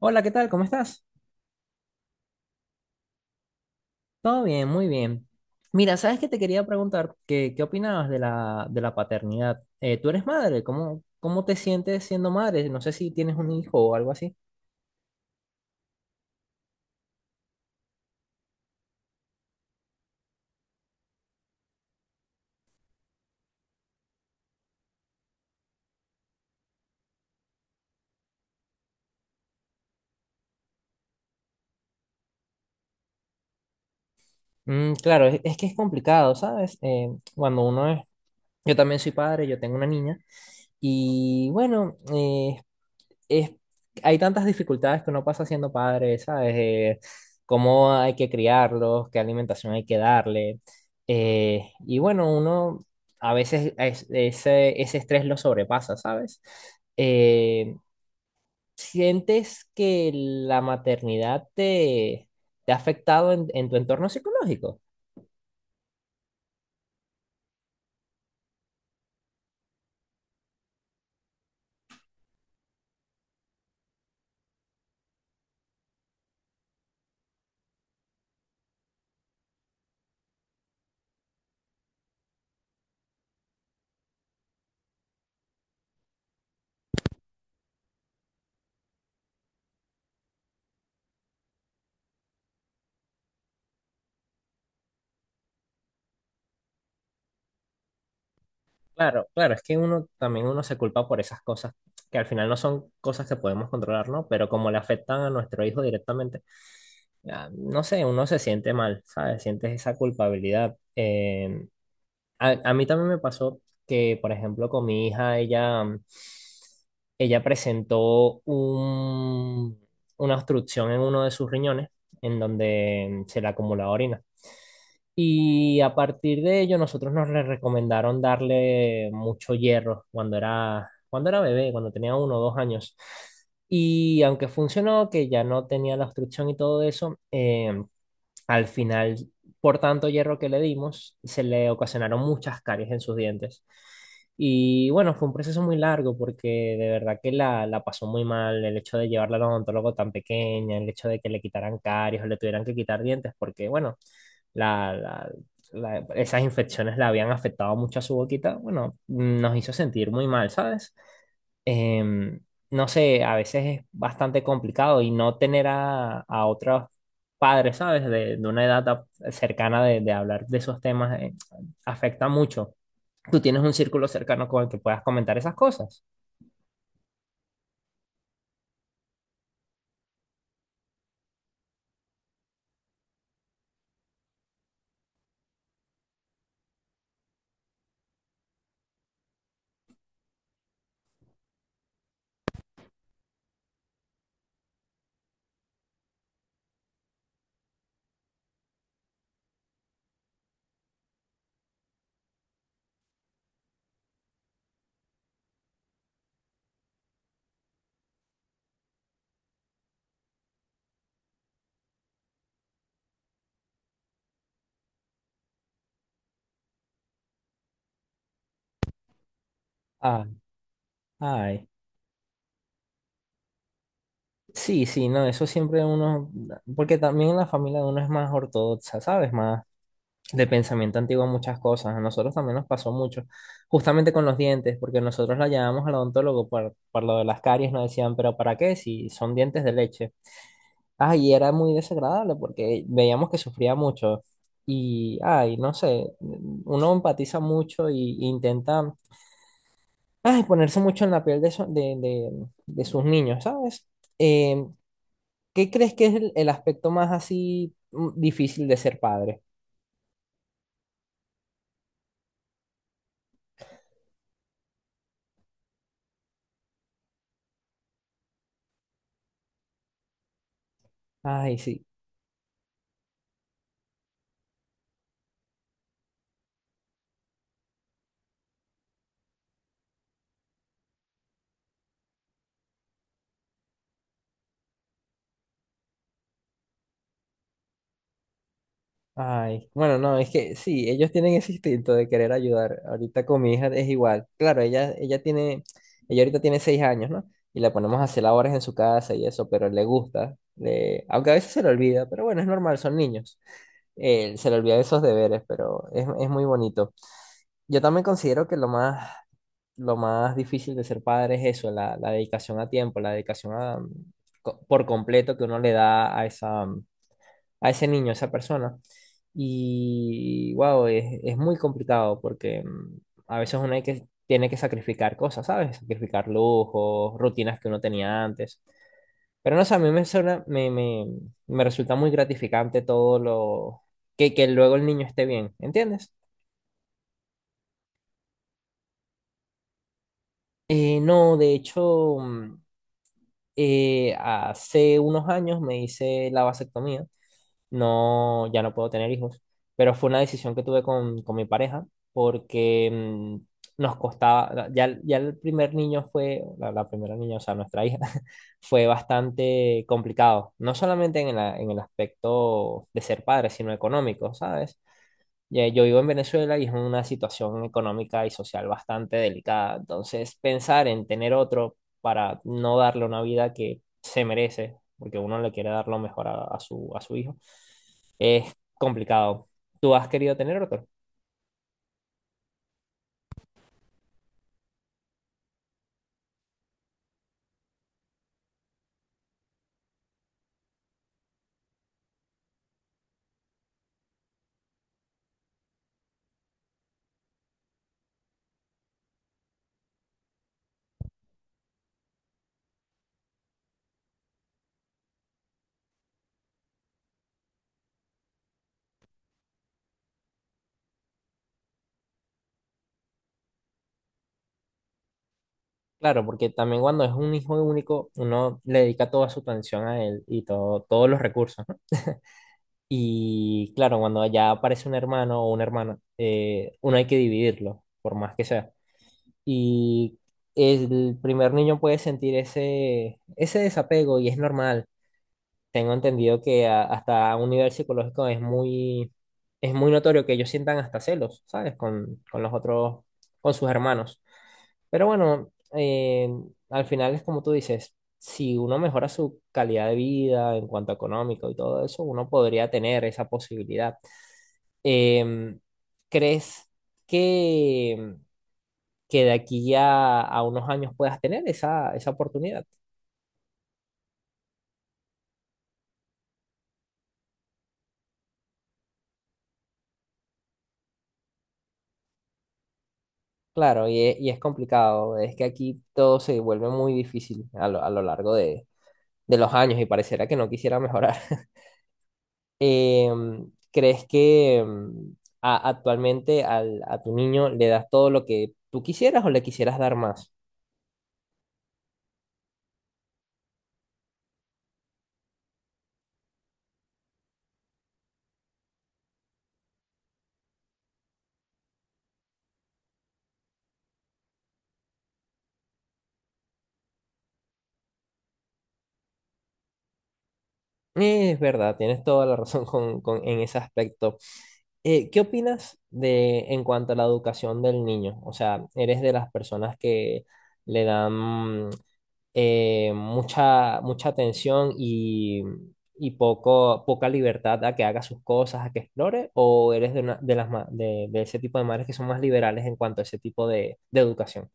Hola, ¿qué tal? ¿Cómo estás? Todo bien, muy bien. Mira, ¿sabes que te quería preguntar? ¿Qué opinabas de la paternidad? Tú eres madre, ¿cómo te sientes siendo madre? No sé si tienes un hijo o algo así. Mm, claro, es que es complicado, ¿sabes? Cuando uno es. Yo también soy padre, yo tengo una niña. Y bueno, es, hay tantas dificultades que uno pasa siendo padre, ¿sabes? Cómo hay que criarlos, qué alimentación hay que darle. Y bueno, uno a veces ese estrés lo sobrepasa, ¿sabes? Eh, ¿Sientes que la maternidad te ha afectado en tu entorno psicológico? Claro, claro, es que uno también uno se culpa por esas cosas que al final no son cosas que podemos controlar, ¿no? Pero como le afectan a nuestro hijo directamente. Ah, no sé, uno se siente mal, ¿sabes? Sientes esa culpabilidad. A mí también me pasó que, por ejemplo, con mi hija, ella presentó una obstrucción en uno de sus riñones, en donde se le acumulaba orina. Y a partir de ello, nosotros nos le recomendaron darle mucho hierro cuando era bebé, cuando tenía 1 o 2 años. Y aunque funcionó, que ya no tenía la obstrucción y todo eso, al final, por tanto hierro que le dimos, se le ocasionaron muchas caries en sus dientes. Y bueno, fue un proceso muy largo porque de verdad que la pasó muy mal el hecho de llevarla al odontólogo tan pequeña, el hecho de que le quitaran caries o le tuvieran que quitar dientes, porque bueno, la, la- esas infecciones la habían afectado mucho a su boquita. Bueno, nos hizo sentir muy mal, ¿sabes? em, no sé, a veces es bastante complicado y no tener a otros padres, ¿sabes? De una edad cercana de hablar de esos temas, afecta mucho. ¿Tú tienes un círculo cercano con el que puedas comentar esas cosas? Ah, ay. Sí, sí, no, eso siempre uno, porque también la familia de uno es más ortodoxa, ¿sabes? Más de pensamiento antiguo en muchas cosas. A nosotros también nos pasó mucho, justamente con los dientes, porque nosotros la llamamos al odontólogo por lo de las caries, nos decían, pero ¿para qué? Si son dientes de leche. Ay, y era muy desagradable porque veíamos que sufría mucho. Y, ay, no sé, uno empatiza mucho y intenta, ay, ponerse mucho en la piel de, eso- de sus niños, ¿sabes? Eh, ¿Qué crees que es el aspecto más así difícil de ser padre? Ay, sí. Ay, bueno, no, es que sí, ellos tienen ese instinto de querer ayudar. Ahorita con mi hija es igual. Claro, ella ahorita tiene 6 años, ¿no? Y la ponemos a hacer labores en su casa y eso, pero le gusta. Aunque a veces se le olvida, pero bueno, es normal, son niños. Se le olvida esos deberes, pero es muy bonito. Yo también considero que lo más difícil de ser padre es eso, la dedicación a tiempo, la dedicación por completo que uno le da a ese niño, a esa persona. Y wow, es muy complicado porque a veces uno tiene que sacrificar cosas, ¿sabes? Sacrificar lujos, rutinas que uno tenía antes. Pero no sé, a mí me resulta muy gratificante todo lo que luego el niño esté bien, ¿entiendes? No, de hecho, hace unos años me hice la vasectomía. No, ya no puedo tener hijos, pero fue una decisión que tuve con mi pareja porque nos costaba, ya el primer niño fue, la primera niña, o sea, nuestra hija, fue bastante complicado, no solamente en el aspecto de ser padre, sino económico, ¿sabes? Ya, yo vivo en Venezuela y es una situación económica y social bastante delicada. Entonces, pensar en tener otro para no darle una vida que se merece, porque uno le quiere dar lo mejor a su hijo, es complicado. ¿Tú has querido tener otro? Claro, porque también cuando es un hijo único, uno le dedica toda su atención a él y todo, todos los recursos, ¿no? Y claro, cuando ya aparece un hermano o una hermana, uno hay que dividirlo, por más que sea. Y el primer niño puede sentir ese desapego y es normal. Tengo entendido que hasta a un nivel psicológico es muy notorio que ellos sientan hasta celos, ¿sabes? Con los otros, con sus hermanos. Pero bueno, al final es como tú dices, si uno mejora su calidad de vida en cuanto a económico y todo eso, uno podría tener esa posibilidad. Em, ¿Crees que de aquí ya a unos años puedas tener esa oportunidad? Claro, y es complicado, es que aquí todo se vuelve muy difícil a lo largo de los años y pareciera que no quisiera mejorar. ¿Crees que actualmente a tu niño le das todo lo que tú quisieras o le quisieras dar más? Es verdad, tienes toda la razón en ese aspecto. ¿Qué opinas de en cuanto a la educación del niño? O sea, ¿eres de las personas que le dan mucha tensión y poca libertad a que haga sus cosas, a que explore, o eres de, una- de, las, ma- de ese tipo de madres que son más liberales en cuanto a ese tipo de educación?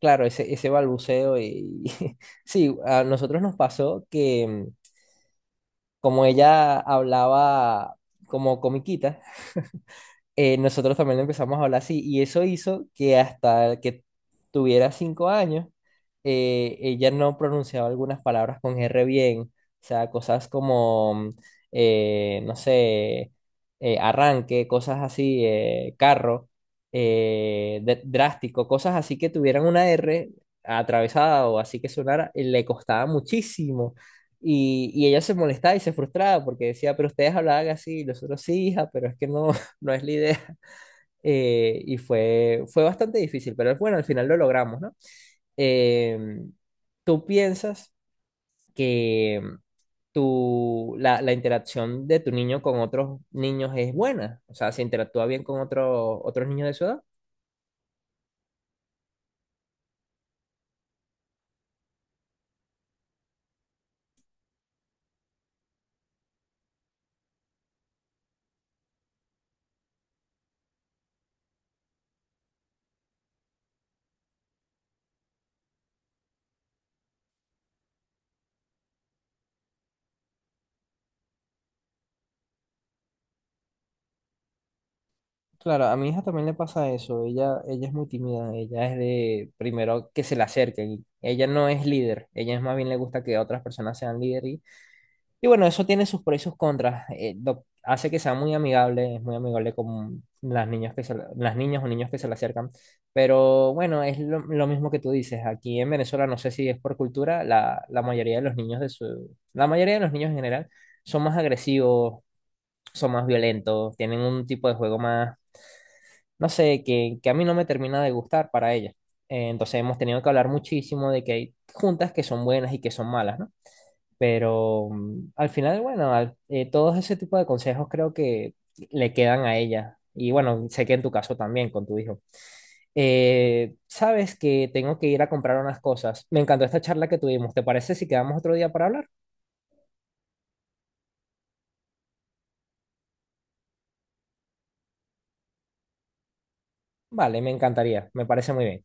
Claro, ese balbuceo y sí, a nosotros nos pasó que como ella hablaba como comiquita, nosotros también le empezamos a hablar así y eso hizo que hasta que tuviera 5 años, ella no pronunciaba algunas palabras con R bien, o sea, cosas como, no sé, arranque, cosas así, carro, drástico, cosas así que tuvieran una R atravesada o así que sonara, le costaba muchísimo. Y ella se molestaba y se frustraba porque decía, pero ustedes hablaban así, y nosotros sí, hija, pero es que no, no es la idea. Y fue bastante difícil, pero bueno, al final lo logramos, ¿no? Eh, ¿Tú piensas que la interacción de tu niño con otros niños es buena? O sea, ¿se interactúa bien con otros niños de su edad? Claro, a mi hija también le pasa eso. Ella es muy tímida. Ella es de primero que se le acerquen. Ella no es líder. Ella es más bien le gusta que otras personas sean líderes. Y bueno, eso tiene sus pros y sus contras. Hace que sea muy amigable, es muy amigable con las niñas o niños que se le acercan. Pero bueno, es lo mismo que tú dices. Aquí en Venezuela, no sé si es por cultura, la mayoría de los niños de su, la mayoría de los niños en general son más agresivos, son más violentos, tienen un tipo de juego más, no sé, que a mí no me termina de gustar para ellas. Entonces hemos tenido que hablar muchísimo de que hay juntas que son buenas y que son malas, ¿no? Pero al final, bueno, todos ese tipo de consejos creo que le quedan a ella. Y bueno, sé que en tu caso también, con tu hijo. Sabes que tengo que ir a comprar unas cosas. Me encantó esta charla que tuvimos. ¿Te parece si quedamos otro día para hablar? Vale, me encantaría. Me parece muy bien.